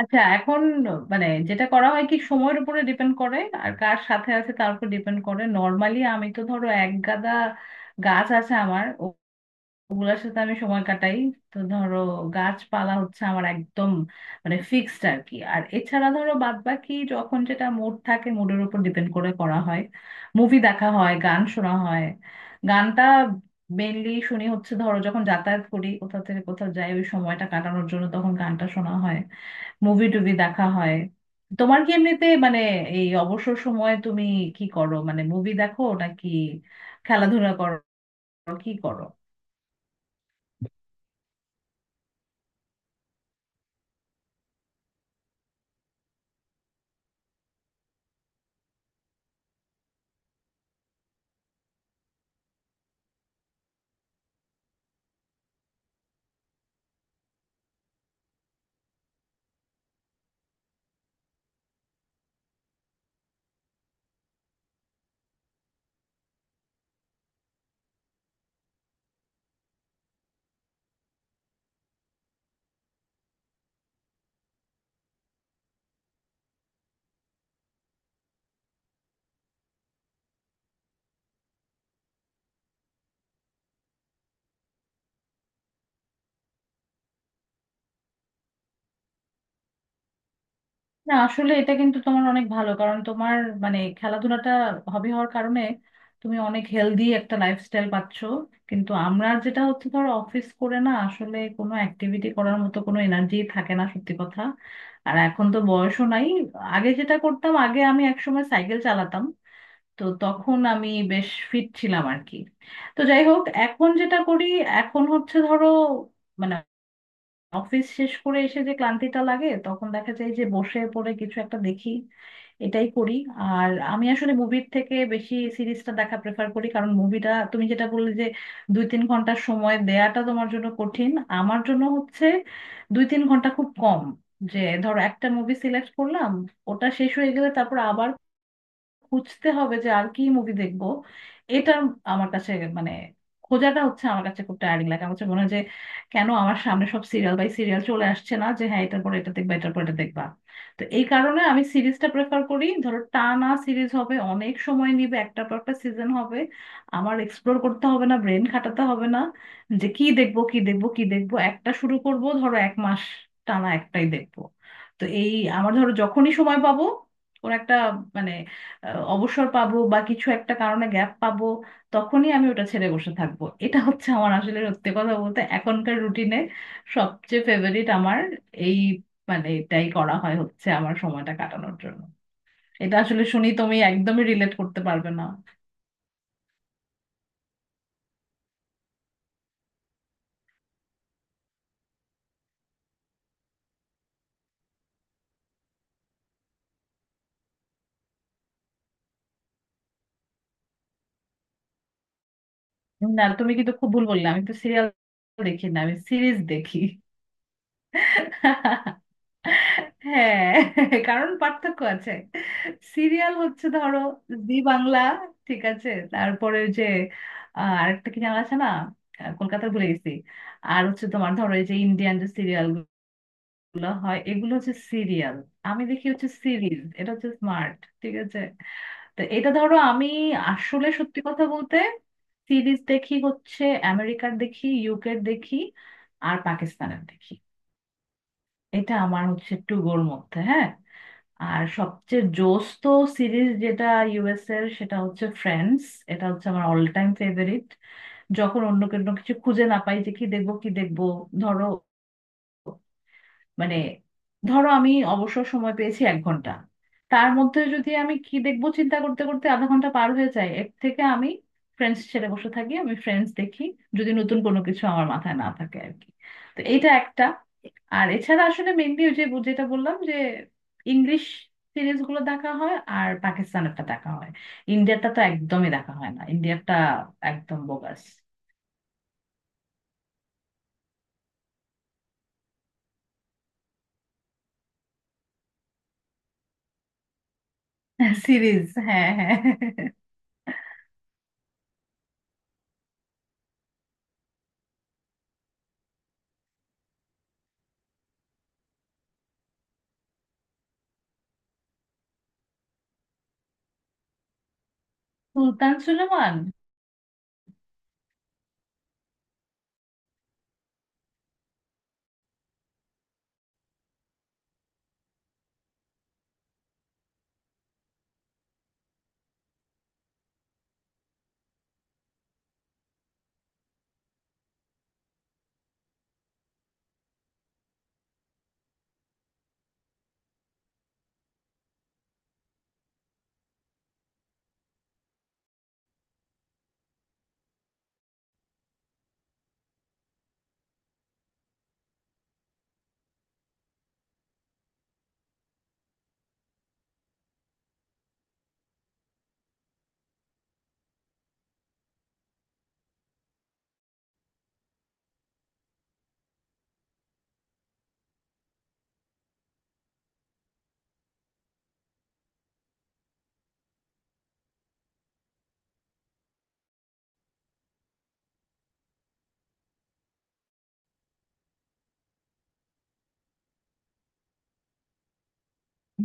আচ্ছা, এখন মানে যেটা করা হয় কি সময়ের উপরে ডিপেন্ড করে, আর কার সাথে আছে তার উপর ডিপেন্ড করে। নর্মালি আমি তো ধরো এক গাদা গাছ আছে আমার, ওগুলার সাথে আমি সময় কাটাই। তো ধরো গাছপালা হচ্ছে আমার একদম মানে ফিক্সড আর কি। আর এছাড়া ধরো বাদ বাকি যখন যেটা মুড থাকে মুডের উপর ডিপেন্ড করে করা হয়, মুভি দেখা হয়, গান শোনা হয়। গানটা মেনলি শুনি হচ্ছে ধরো যখন যাতায়াত করি, কোথা থেকে কোথাও যাই, ওই সময়টা কাটানোর জন্য তখন গানটা শোনা হয়, মুভি টুভি দেখা হয়। তোমার কি এমনিতে মানে এই অবসর সময়ে তুমি কি করো? মানে মুভি দেখো নাকি খেলাধুলা করো, কি করো? না, আসলে এটা কিন্তু তোমার অনেক ভালো কারণ তোমার মানে খেলাধুলাটা হবি হওয়ার কারণে তুমি অনেক হেলদি একটা লাইফস্টাইল পাচ্ছ। কিন্তু আমরা যেটা হচ্ছে ধর, অফিস করে না আসলে কোনো অ্যাক্টিভিটি করার মতো কোনো এনার্জি থাকে না, সত্যি কথা। আর এখন তো বয়সও নাই। আগে যেটা করতাম, আগে আমি একসময় সাইকেল চালাতাম, তো তখন আমি বেশ ফিট ছিলাম আর কি। তো যাই হোক, এখন যেটা করি, এখন হচ্ছে ধরো মানে অফিস শেষ করে এসে যে ক্লান্তিটা লাগে তখন দেখা যায় যে বসে পড়ে কিছু একটা দেখি, এটাই করি। আর আমি আসলে মুভির থেকে বেশি সিরিজটা দেখা প্রেফার করি, কারণ মুভিটা তুমি যেটা বললে যে 2-3 ঘন্টার সময় দেয়াটা তোমার জন্য কঠিন, আমার জন্য হচ্ছে 2-3 ঘন্টা খুব কম। যে ধরো একটা মুভি সিলেক্ট করলাম, ওটা শেষ হয়ে গেলে তারপর আবার খুঁজতে হবে যে আর কি মুভি দেখব, এটা আমার কাছে মানে খোঁজাটা হচ্ছে আমার কাছে খুব টায়ারিং লাগে। আমার কাছে মনে হয় যে কেন আমার সামনে সব সিরিয়াল বাই সিরিয়াল চলে আসছে না, যে হ্যাঁ এটার পরে এটা দেখবা, এটার পর এটা দেখবা। তো এই কারণে আমি সিরিজটা প্রেফার করি। ধরো টানা সিরিজ হবে, অনেক সময় নিবে, একটা পর একটা সিজন হবে, আমার এক্সপ্লোর করতে হবে না, ব্রেন খাটাতে হবে না যে কি দেখবো কি দেখবো কি দেখবো। একটা শুরু করব ধরো 1 মাস টানা একটাই দেখবো। তো এই আমার ধরো যখনই সময় পাবো, ওর একটা মানে অবসর পাবো বা কিছু একটা কারণে গ্যাপ পাবো, তখনই আমি ওটা ছেড়ে বসে থাকবো। এটা হচ্ছে আমার আসলে সত্যি কথা বলতে এখনকার রুটিনে সবচেয়ে ফেভারিট আমার এই মানে এটাই করা হয় হচ্ছে আমার সময়টা কাটানোর জন্য। এটা আসলে শুনি তুমি একদমই রিলেট করতে পারবে না। না তুমি কিন্তু খুব ভুল বললে, আমি তো সিরিয়াল দেখি না, আমি সিরিজ দেখি। হ্যাঁ, কারণ পার্থক্য আছে। সিরিয়াল হচ্ছে ধরো জি বাংলা, ঠিক আছে, তারপরে ওই যে আরেকটা কি জানা আছে না, কলকাতার ভুলে গেছি। আর হচ্ছে তোমার ধরো এই যে ইন্ডিয়ান যে সিরিয়াল গুলো হয়, এগুলো হচ্ছে সিরিয়াল। আমি দেখি হচ্ছে সিরিজ, এটা হচ্ছে স্মার্ট, ঠিক আছে। তো এটা ধরো আমি আসলে সত্যি কথা বলতে সিরিজ দেখি হচ্ছে আমেরিকার দেখি, ইউকের দেখি, আর পাকিস্তানের দেখি। এটা আমার হচ্ছে একটু গোর মধ্যে, হ্যাঁ। আর সবচেয়ে জোস তো সিরিজ যেটা ইউএস এর, সেটা হচ্ছে ফ্রেন্ডস, এটা হচ্ছে আমার অল টাইম ফেভারিট। যখন অন্য কোনো কিছু খুঁজে না পাই যে কি দেখবো কি দেখবো, ধরো মানে ধরো আমি অবসর সময় পেয়েছি 1 ঘন্টা, তার মধ্যে যদি আমি কি দেখবো চিন্তা করতে করতে আধা ঘন্টা পার হয়ে যায়, এর থেকে আমি ফ্রেন্ডস ছেড়ে বসে থাকি, আমি ফ্রেন্ডস দেখি যদি নতুন কোনো কিছু আমার মাথায় না থাকে আর কি। তো এটা একটা। আর এছাড়া আসলে মেনলি ওই যে যেটা বললাম যে ইংলিশ সিরিজ গুলো দেখা হয় আর পাকিস্তানেরটা দেখা হয়, ইন্ডিয়াটা তো একদমই দেখা হয় না, ইন্ডিয়াটা একদম বোগাস। সিরিজ হ্যাঁ হ্যাঁ। সুলতান সুলেমান।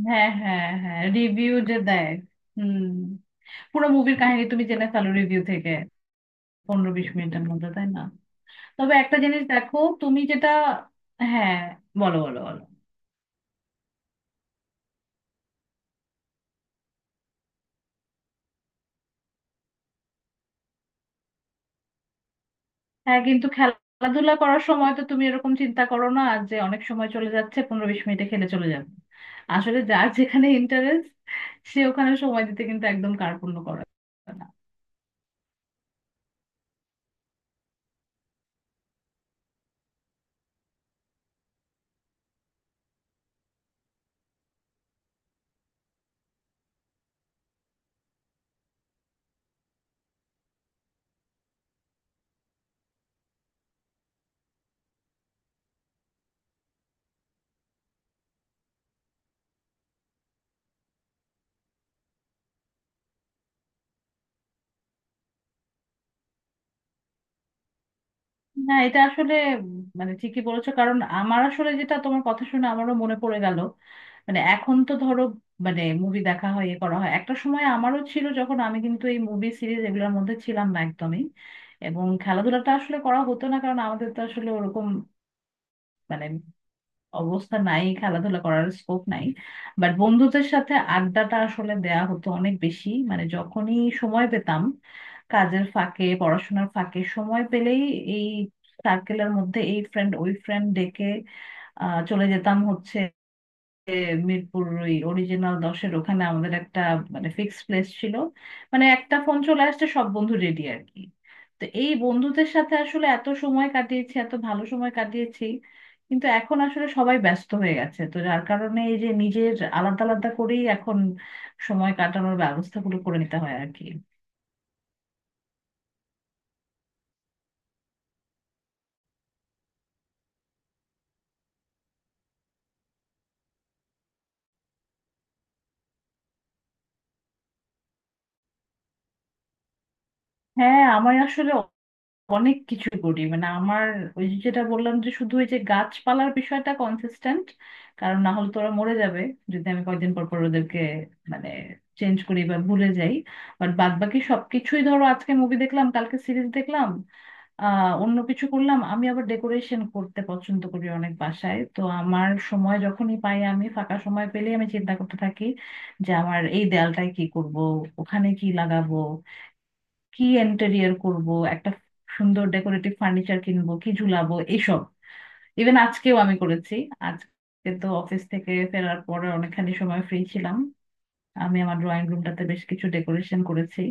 হ্যাঁ হ্যাঁ হ্যাঁ, রিভিউ যে দেয়, হুম, পুরো মুভির কাহিনী তুমি জেনে ফেলো রিভিউ থেকে 15-20 মিনিটের মধ্যে, তাই না? তবে একটা জিনিস দেখো, তুমি যেটা, হ্যাঁ বলো বলো বলো। হ্যাঁ কিন্তু খেলাধুলা করার সময় তো তুমি এরকম চিন্তা করো না যে অনেক সময় চলে যাচ্ছে, 15-20 মিনিটে খেলে চলে যাবে। আসলে যার যেখানে ইন্টারেস্ট, সে ওখানে সময় দিতে কিন্তু একদম কার্পণ্য করে না। না, এটা আসলে মানে ঠিকই বলেছো, কারণ আমার আসলে যেটা তোমার কথা শুনে আমারও মনে পড়ে গেল। মানে এখন তো ধরো মানে মুভি দেখা হয় ইয়ে করা হয়, একটা সময় আমারও ছিল যখন আমি কিন্তু এই মুভি সিরিজ এগুলোর মধ্যে ছিলাম না একদমই। এবং খেলাধুলাটা আসলে করা হতো না, কারণ আমাদের তো আসলে ওরকম মানে অবস্থা নাই, খেলাধুলা করার স্কোপ নাই। বাট বন্ধুদের সাথে আড্ডাটা আসলে দেয়া হতো অনেক বেশি, মানে যখনই সময় পেতাম, কাজের ফাঁকে পড়াশোনার ফাঁকে সময় পেলেই এই সার্কেলের মধ্যে এই ফ্রেন্ড ওই ফ্রেন্ড ডেকে চলে যেতাম হচ্ছে এ মিরপুর ওই অরিজিনাল দশের ওখানে আমাদের একটা মানে ফিক্সড প্লেস ছিল। মানে একটা ফোন চলে আসছে, সব বন্ধু রেডি আর কি। তো এই বন্ধুদের সাথে আসলে এত সময় কাটিয়েছি, এত ভালো সময় কাটিয়েছি, কিন্তু এখন আসলে সবাই ব্যস্ত হয়ে গেছে, তো যার কারণে এই যে নিজের আলাদা আলাদা করেই এখন সময় কাটানোর ব্যবস্থাগুলো করে নিতে হয় আর কি। হ্যাঁ, আমার আসলে অনেক কিছু করি, মানে আমার ওই যে যেটা বললাম যে শুধু ওই যে গাছপালার বিষয়টা কনসিস্টেন্ট, কারণ না হলে তোরা মরে যাবে যদি আমি কয়েকদিন পর পর ওদেরকে মানে চেঞ্জ করি বা ভুলে যাই। বাট বাদ বাকি সবকিছুই ধরো আজকে মুভি দেখলাম, কালকে সিরিজ দেখলাম, আহ অন্য কিছু করলাম। আমি আবার ডেকোরেশন করতে পছন্দ করি অনেক, বাসায় তো আমার সময় যখনই পাই, আমি ফাঁকা সময় পেলেই আমি চিন্তা করতে থাকি যে আমার এই দেয়ালটায় কি করব, ওখানে কি লাগাবো, কি ইন্টেরিয়র করব, একটা সুন্দর ডেকোরেটিভ ফার্নিচার কিনবো, কি ঝুলাবো এইসব। ইভেন আজকেও আমি করেছি, আজকে তো অফিস থেকে ফেরার পরে অনেকখানি সময় ফ্রি ছিলাম, আমি আমার ড্রয়িং রুমটাতে বেশ কিছু ডেকোরেশন করেছি।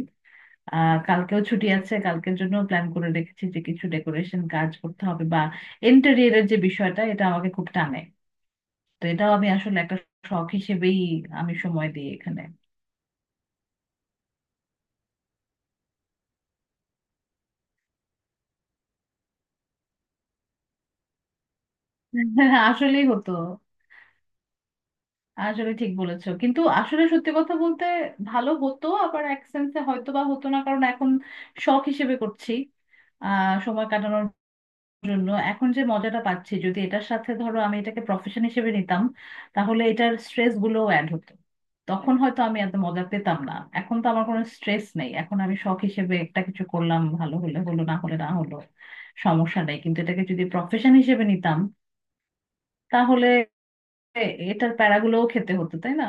আহ কালকেও ছুটি আছে, কালকের জন্য প্ল্যান করে রেখেছি যে কিছু ডেকোরেশন কাজ করতে হবে। বা ইন্টেরিয়রের যে বিষয়টা, এটা আমাকে খুব টানে। তো এটাও আমি আসলে একটা শখ হিসেবেই আমি সময় দিই এখানে। আসলেই হতো। আসলে ঠিক বলেছো, কিন্তু আসলে সত্যি কথা বলতে, ভালো হতো, আবার এক সেন্সে হয়তো বা হতো না, কারণ এখন শখ হিসেবে করছি আহ সময় কাটানোর জন্য, এখন যে মজাটা পাচ্ছি, যদি এটার সাথে ধরো আমি এটাকে প্রফেশন হিসেবে নিতাম, তাহলে এটার স্ট্রেস গুলোও অ্যাড হতো, তখন হয়তো আমি এত মজা পেতাম না। এখন তো আমার কোনো স্ট্রেস নেই, এখন আমি শখ হিসেবে একটা কিছু করলাম, ভালো হলে হলো, না হলে না হলো, সমস্যা নেই। কিন্তু এটাকে যদি প্রফেশন হিসেবে নিতাম, তাহলে এটার প্যারাগুলোও খেতে হতো, তাই না?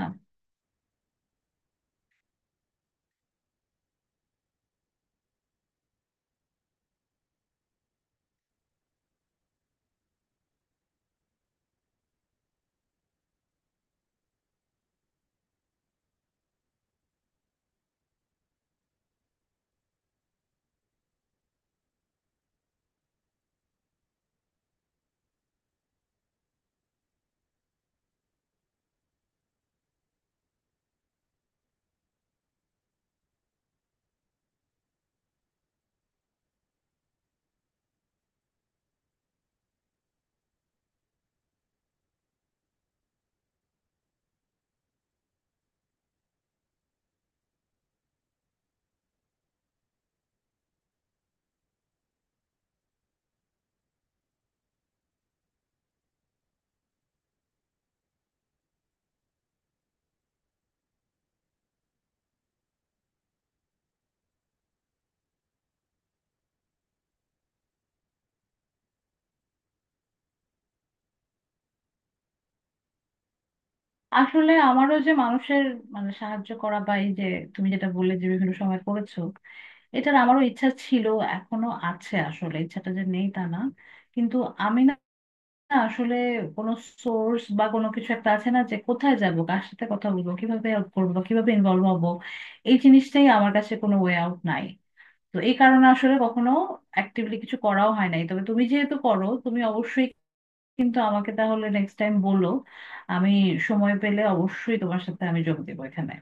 আসলে আমারও যে মানুষের মানে সাহায্য করা বা এই যে তুমি যেটা বললে যে বিভিন্ন সময় করেছো, এটার আমারও ইচ্ছা ছিল, এখনো আছে। আসলে ইচ্ছাটা যে নেই তা না, কিন্তু আমি না আসলে কোনো সোর্স বা কোনো কিছু একটা আছে না যে কোথায় যাব, কার সাথে কথা বলবো, কিভাবে হেল্প করবো বা কিভাবে ইনভলভ হবো, এই জিনিসটাই আমার কাছে কোনো ওয়ে আউট নাই। তো এই কারণে আসলে কখনো অ্যাক্টিভলি কিছু করাও হয় নাই। তবে তুমি যেহেতু করো, তুমি অবশ্যই কিন্তু আমাকে তাহলে নেক্সট টাইম বলো, আমি সময় পেলে অবশ্যই তোমার সাথে আমি যোগ দেবো এখানে।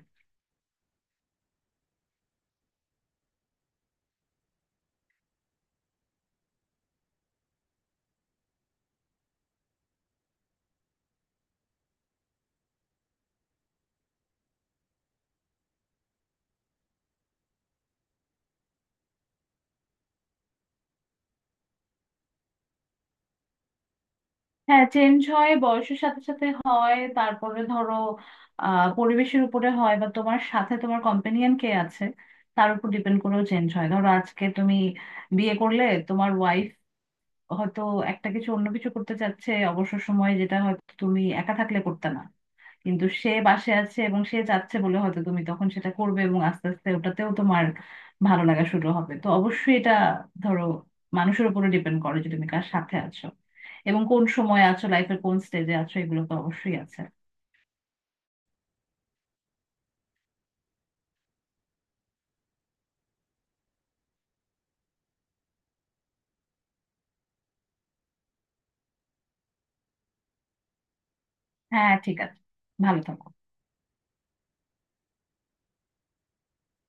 হ্যাঁ চেঞ্জ হয়, বয়সের সাথে সাথে হয়, তারপরে ধরো আহ পরিবেশের উপরে হয়, বা তোমার সাথে তোমার কম্পেনিয়ন কে আছে তার উপর ডিপেন্ড করেও চেঞ্জ হয়। ধরো আজকে তুমি বিয়ে করলে, তোমার ওয়াইফ হয়তো একটা কিছু অন্য কিছু করতে চাচ্ছে অবসর সময়ে, যেটা হয়তো তুমি একা থাকলে করতে না, কিন্তু সে বাসে আছে এবং সে চাচ্ছে বলে হয়তো তুমি তখন সেটা করবে, এবং আস্তে আস্তে ওটাতেও তোমার ভালো লাগা শুরু হবে। তো অবশ্যই এটা ধরো মানুষের উপরে ডিপেন্ড করে যে তুমি কার সাথে আছো, এবং কোন সময় আছো, লাইফের কোন স্টেজে আছো, এগুলো তো অবশ্যই আছে। হ্যাঁ ঠিক আছে, ভালো থাকো।